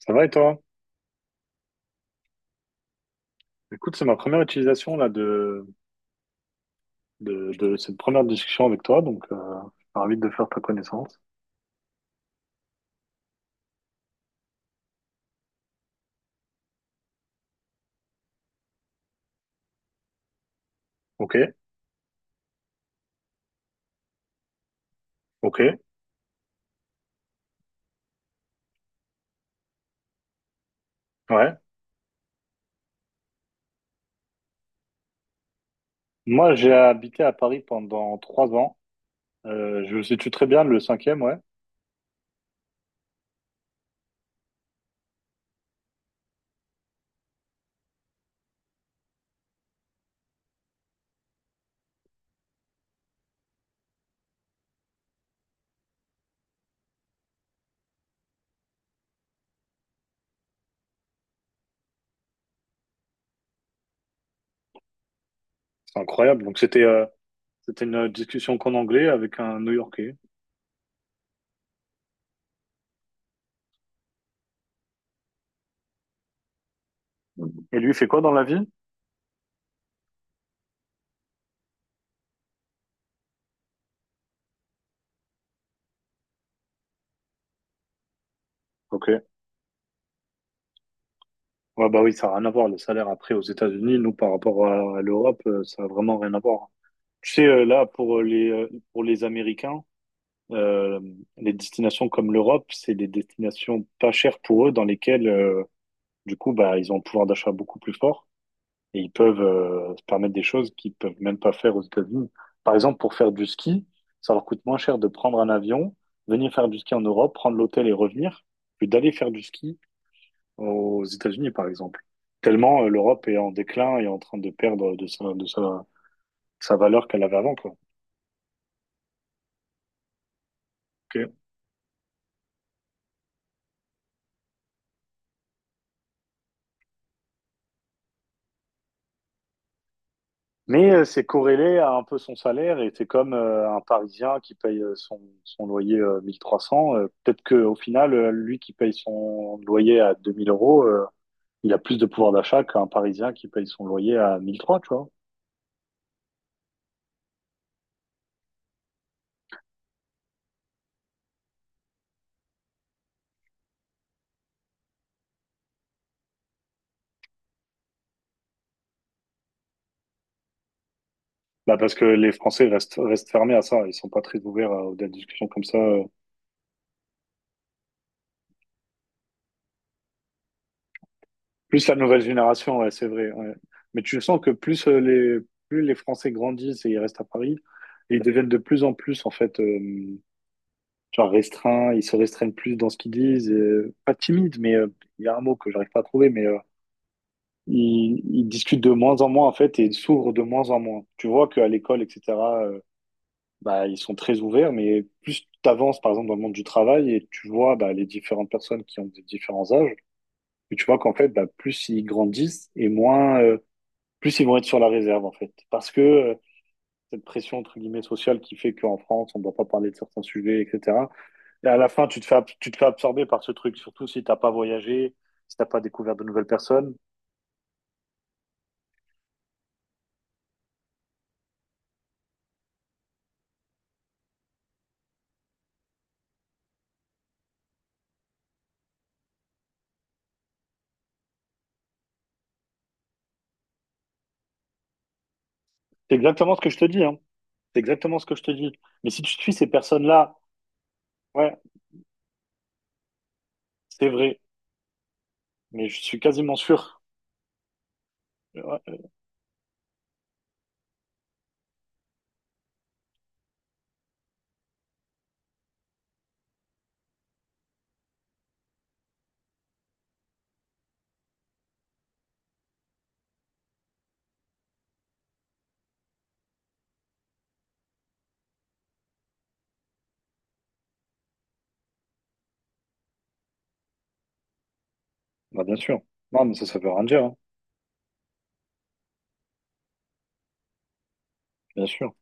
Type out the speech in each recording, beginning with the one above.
Ça va et toi? Écoute, c'est ma première utilisation là de cette première discussion avec toi, donc je suis ravi de faire ta connaissance. Ok, ok, ouais. Moi, j'ai habité à Paris pendant 3 ans. Je situe très bien le cinquième, ouais. C'est incroyable. Donc c'était une discussion qu'en anglais avec un New-Yorkais. Et lui, il fait quoi dans la vie? Ok. Ouais, bah oui, ça n'a rien à voir. Le salaire après aux États-Unis, nous, par rapport à l'Europe, ça n'a vraiment rien à voir. Tu sais, là, pour pour les Américains, euh, les destinations comme l'Europe, c'est des destinations pas chères pour eux, dans lesquelles, du coup, bah, ils ont un pouvoir d'achat beaucoup plus fort et ils peuvent se permettre des choses qu'ils peuvent même pas faire aux États-Unis. Par exemple, pour faire du ski, ça leur coûte moins cher de prendre un avion, venir faire du ski en Europe, prendre l'hôtel et revenir, que d'aller faire du ski aux États-Unis, par exemple. Tellement l'Europe est en déclin et en train de perdre de sa valeur qu'elle avait avant, quoi. Ok. Mais c'est corrélé à un peu son salaire et c'est comme un Parisien qui paye son loyer 1300. Peut-être qu'au final, lui qui paye son loyer à 2000 euros, il a plus de pouvoir d'achat qu'un Parisien qui paye son loyer à 1300, tu vois. Bah parce que les Français restent fermés à ça. Ils sont pas très ouverts à des discussions comme ça. Plus la nouvelle génération, ouais, c'est vrai. Ouais. Mais tu sens que plus les Français grandissent et ils restent à Paris, et ils deviennent de plus en plus, en fait, genre restreints, ils se restreignent plus dans ce qu'ils disent. Pas timides, mais il y a un mot que j'arrive pas à trouver, mais ils discutent de moins en moins, en fait, et ils s'ouvrent de moins en moins. Tu vois qu'à l'école, etc., euh, bah, ils sont très ouverts, mais plus tu avances, par exemple, dans le monde du travail, et tu vois bah, les différentes personnes qui ont des différents âges, et tu vois qu'en fait, bah, plus ils grandissent et moins. Plus ils vont être sur la réserve, en fait. Parce que cette pression, entre guillemets, sociale qui fait qu'en France, on ne doit pas parler de certains sujets, etc. Et à la fin, tu te fais absorber par ce truc, surtout si tu n'as pas voyagé, si tu n'as pas découvert de nouvelles personnes. C'est exactement ce que je te dis, hein. C'est exactement ce que je te dis. Mais si tu suis ces personnes-là, ouais, c'est vrai. Mais je suis quasiment sûr. Ouais, euh, bah, bien sûr. Non, mais ça veut rien dire, hein. Bien sûr.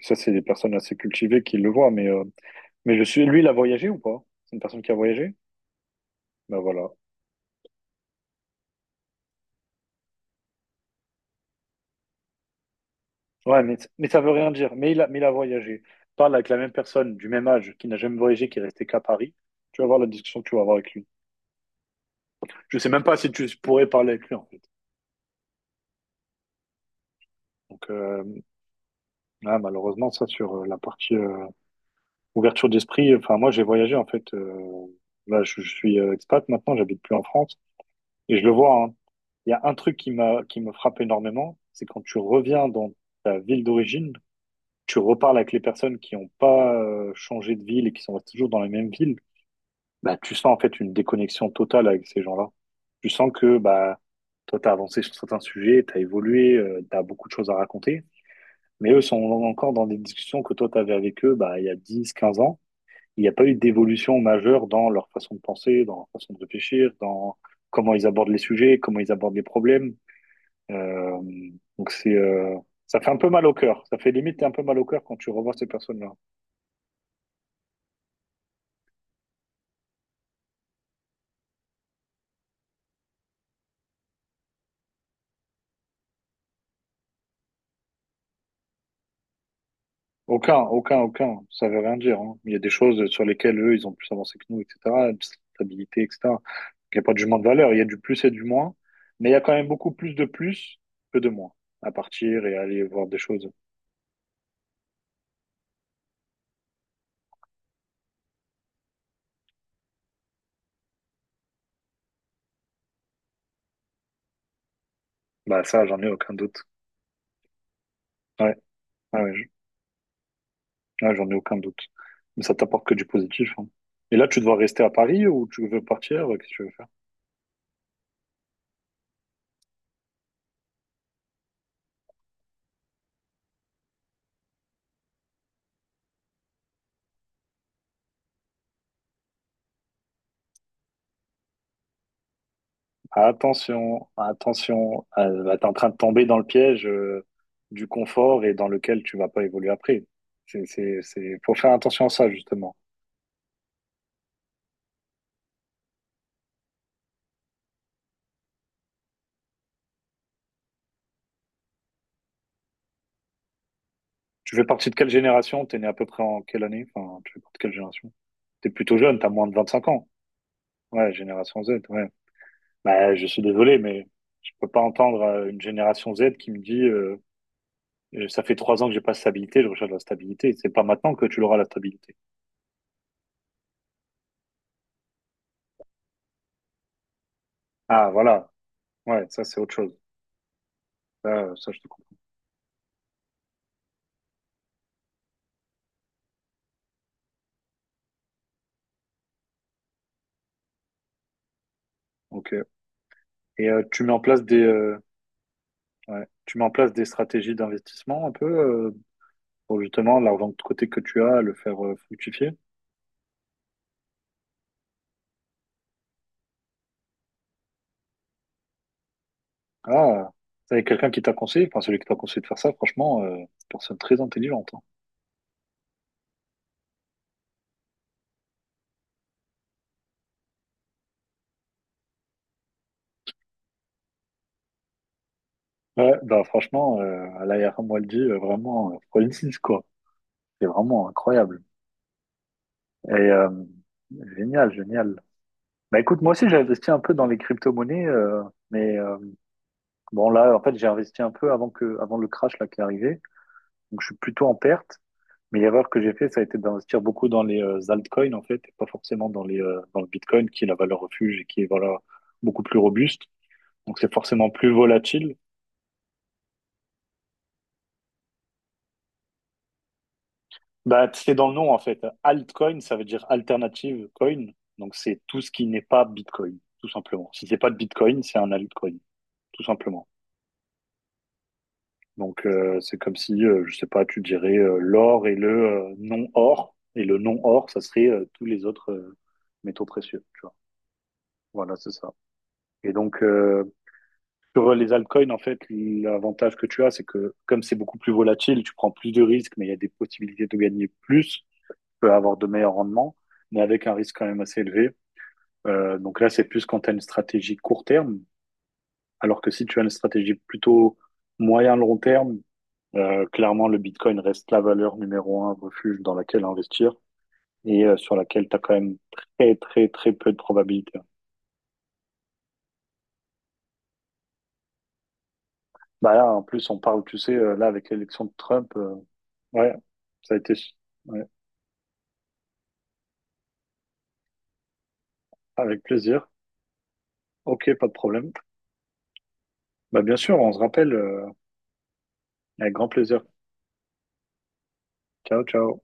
Ça, c'est des personnes assez cultivées qui le voient, mais je suis, lui, il a voyagé ou pas? C'est une personne qui a voyagé? Ben voilà. Ouais, mais ça veut rien dire. Mais il a voyagé. Parle avec la même personne du même âge qui n'a jamais voyagé, qui est restée qu'à Paris. Tu vas voir la discussion que tu vas avoir avec lui. Je sais même pas si tu pourrais parler avec lui, en fait. Donc, ouais, malheureusement, ça, sur la partie ouverture d'esprit, enfin, moi, j'ai voyagé, en fait. Là, je suis expat maintenant, j'habite plus en France. Et je le vois, hein. Il y a un truc qui me frappe énormément, c'est quand tu reviens dans ta ville d'origine, tu reparles avec les personnes qui n'ont pas changé de ville et qui sont toujours dans la même ville. Bah, tu sens en fait une déconnexion totale avec ces gens-là. Tu sens que bah, toi, tu as avancé sur certains sujets, tu as évolué, tu as beaucoup de choses à raconter, mais eux sont encore dans des discussions que toi, tu avais avec eux bah, il y a 10, 15 ans. Il n'y a pas eu d'évolution majeure dans leur façon de penser, dans leur façon de réfléchir, dans comment ils abordent les sujets, comment ils abordent les problèmes. Euh, donc, ça fait un peu mal au cœur. Ça fait limite un peu mal au cœur quand tu revois ces personnes-là. Aucun, aucun, aucun. Ça veut rien dire. Hein. Il y a des choses sur lesquelles eux, ils ont plus avancé que nous, etc. De stabilité, etc. Donc, il n'y a pas de jugement de valeur. Il y a du plus et du moins. Mais il y a quand même beaucoup plus de plus que de moins à partir et à aller voir des choses. Bah ça, j'en ai aucun doute. Ouais, ouais, ouais, ouais, j'en ai aucun doute. Mais ça t'apporte que du positif. Hein. Et là, tu dois rester à Paris ou tu veux partir? Qu'est-ce que tu veux? Attention, attention, là, t'es en train de tomber dans le piège du confort et dans lequel tu vas pas évoluer après. Faut faire attention à ça, justement. Tu fais partie de quelle génération? T'es né à peu près en quelle année? Enfin, tu fais partie de quelle génération? T'es plutôt jeune, t'as moins de 25 ans. Ouais, génération Z, ouais. Bah, je suis désolé, mais je peux pas entendre une génération Z qui me dit, ça fait 3 ans que j'ai pas de stabilité, je recherche la stabilité. C'est pas maintenant que tu l'auras la stabilité. Ah, voilà. Ouais, ça, c'est autre chose. Ça, je te comprends. Ok. Et tu mets en place des, ouais, tu mets en place des stratégies d'investissement un peu pour justement l'argent de côté que tu as, le faire fructifier. Ah, ça avec quelqu'un qui t'a conseillé, enfin celui qui t'a conseillé de faire ça, franchement, c'est une personne très intelligente. Hein. Ouais, bah franchement, à l'ARM Waldi, vraiment, Francis, quoi. C'est vraiment incroyable. Et génial, génial. Bah écoute, moi aussi j'ai investi un peu dans les crypto-monnaies, mais bon là, en fait, j'ai investi un peu avant le crash là qui est arrivé. Donc, je suis plutôt en perte. Mais l'erreur que j'ai fait, ça a été d'investir beaucoup dans les altcoins, en fait, et pas forcément dans le Bitcoin, qui est la valeur refuge et qui est, voilà, beaucoup plus robuste. Donc, c'est forcément plus volatile. Bah, c'est dans le nom, en fait. Altcoin, ça veut dire alternative coin. Donc, c'est tout ce qui n'est pas Bitcoin, tout simplement. Si c'est pas de Bitcoin, c'est un altcoin, tout simplement. Donc, c'est comme si, je sais pas, tu dirais l'or et le non-or. Et le non-or, ça serait tous les autres métaux précieux, tu vois. Voilà, c'est ça. Et donc, sur les altcoins, en fait, l'avantage que tu as, c'est que comme c'est beaucoup plus volatile, tu prends plus de risques, mais il y a des possibilités de gagner plus, tu peux avoir de meilleurs rendements, mais avec un risque quand même assez élevé. Donc là, c'est plus quand tu as une stratégie court terme, alors que si tu as une stratégie plutôt moyen-long terme, clairement, le Bitcoin reste la valeur numéro un, refuge dans laquelle investir et sur laquelle tu as quand même très, très, très peu de probabilités. Bah là, en plus, on parle, tu sais, là, avec l'élection de Trump, ouais, ça a été, ouais, avec plaisir. Ok, pas de problème. Bah, bien sûr, on se rappelle avec grand plaisir. Ciao, ciao.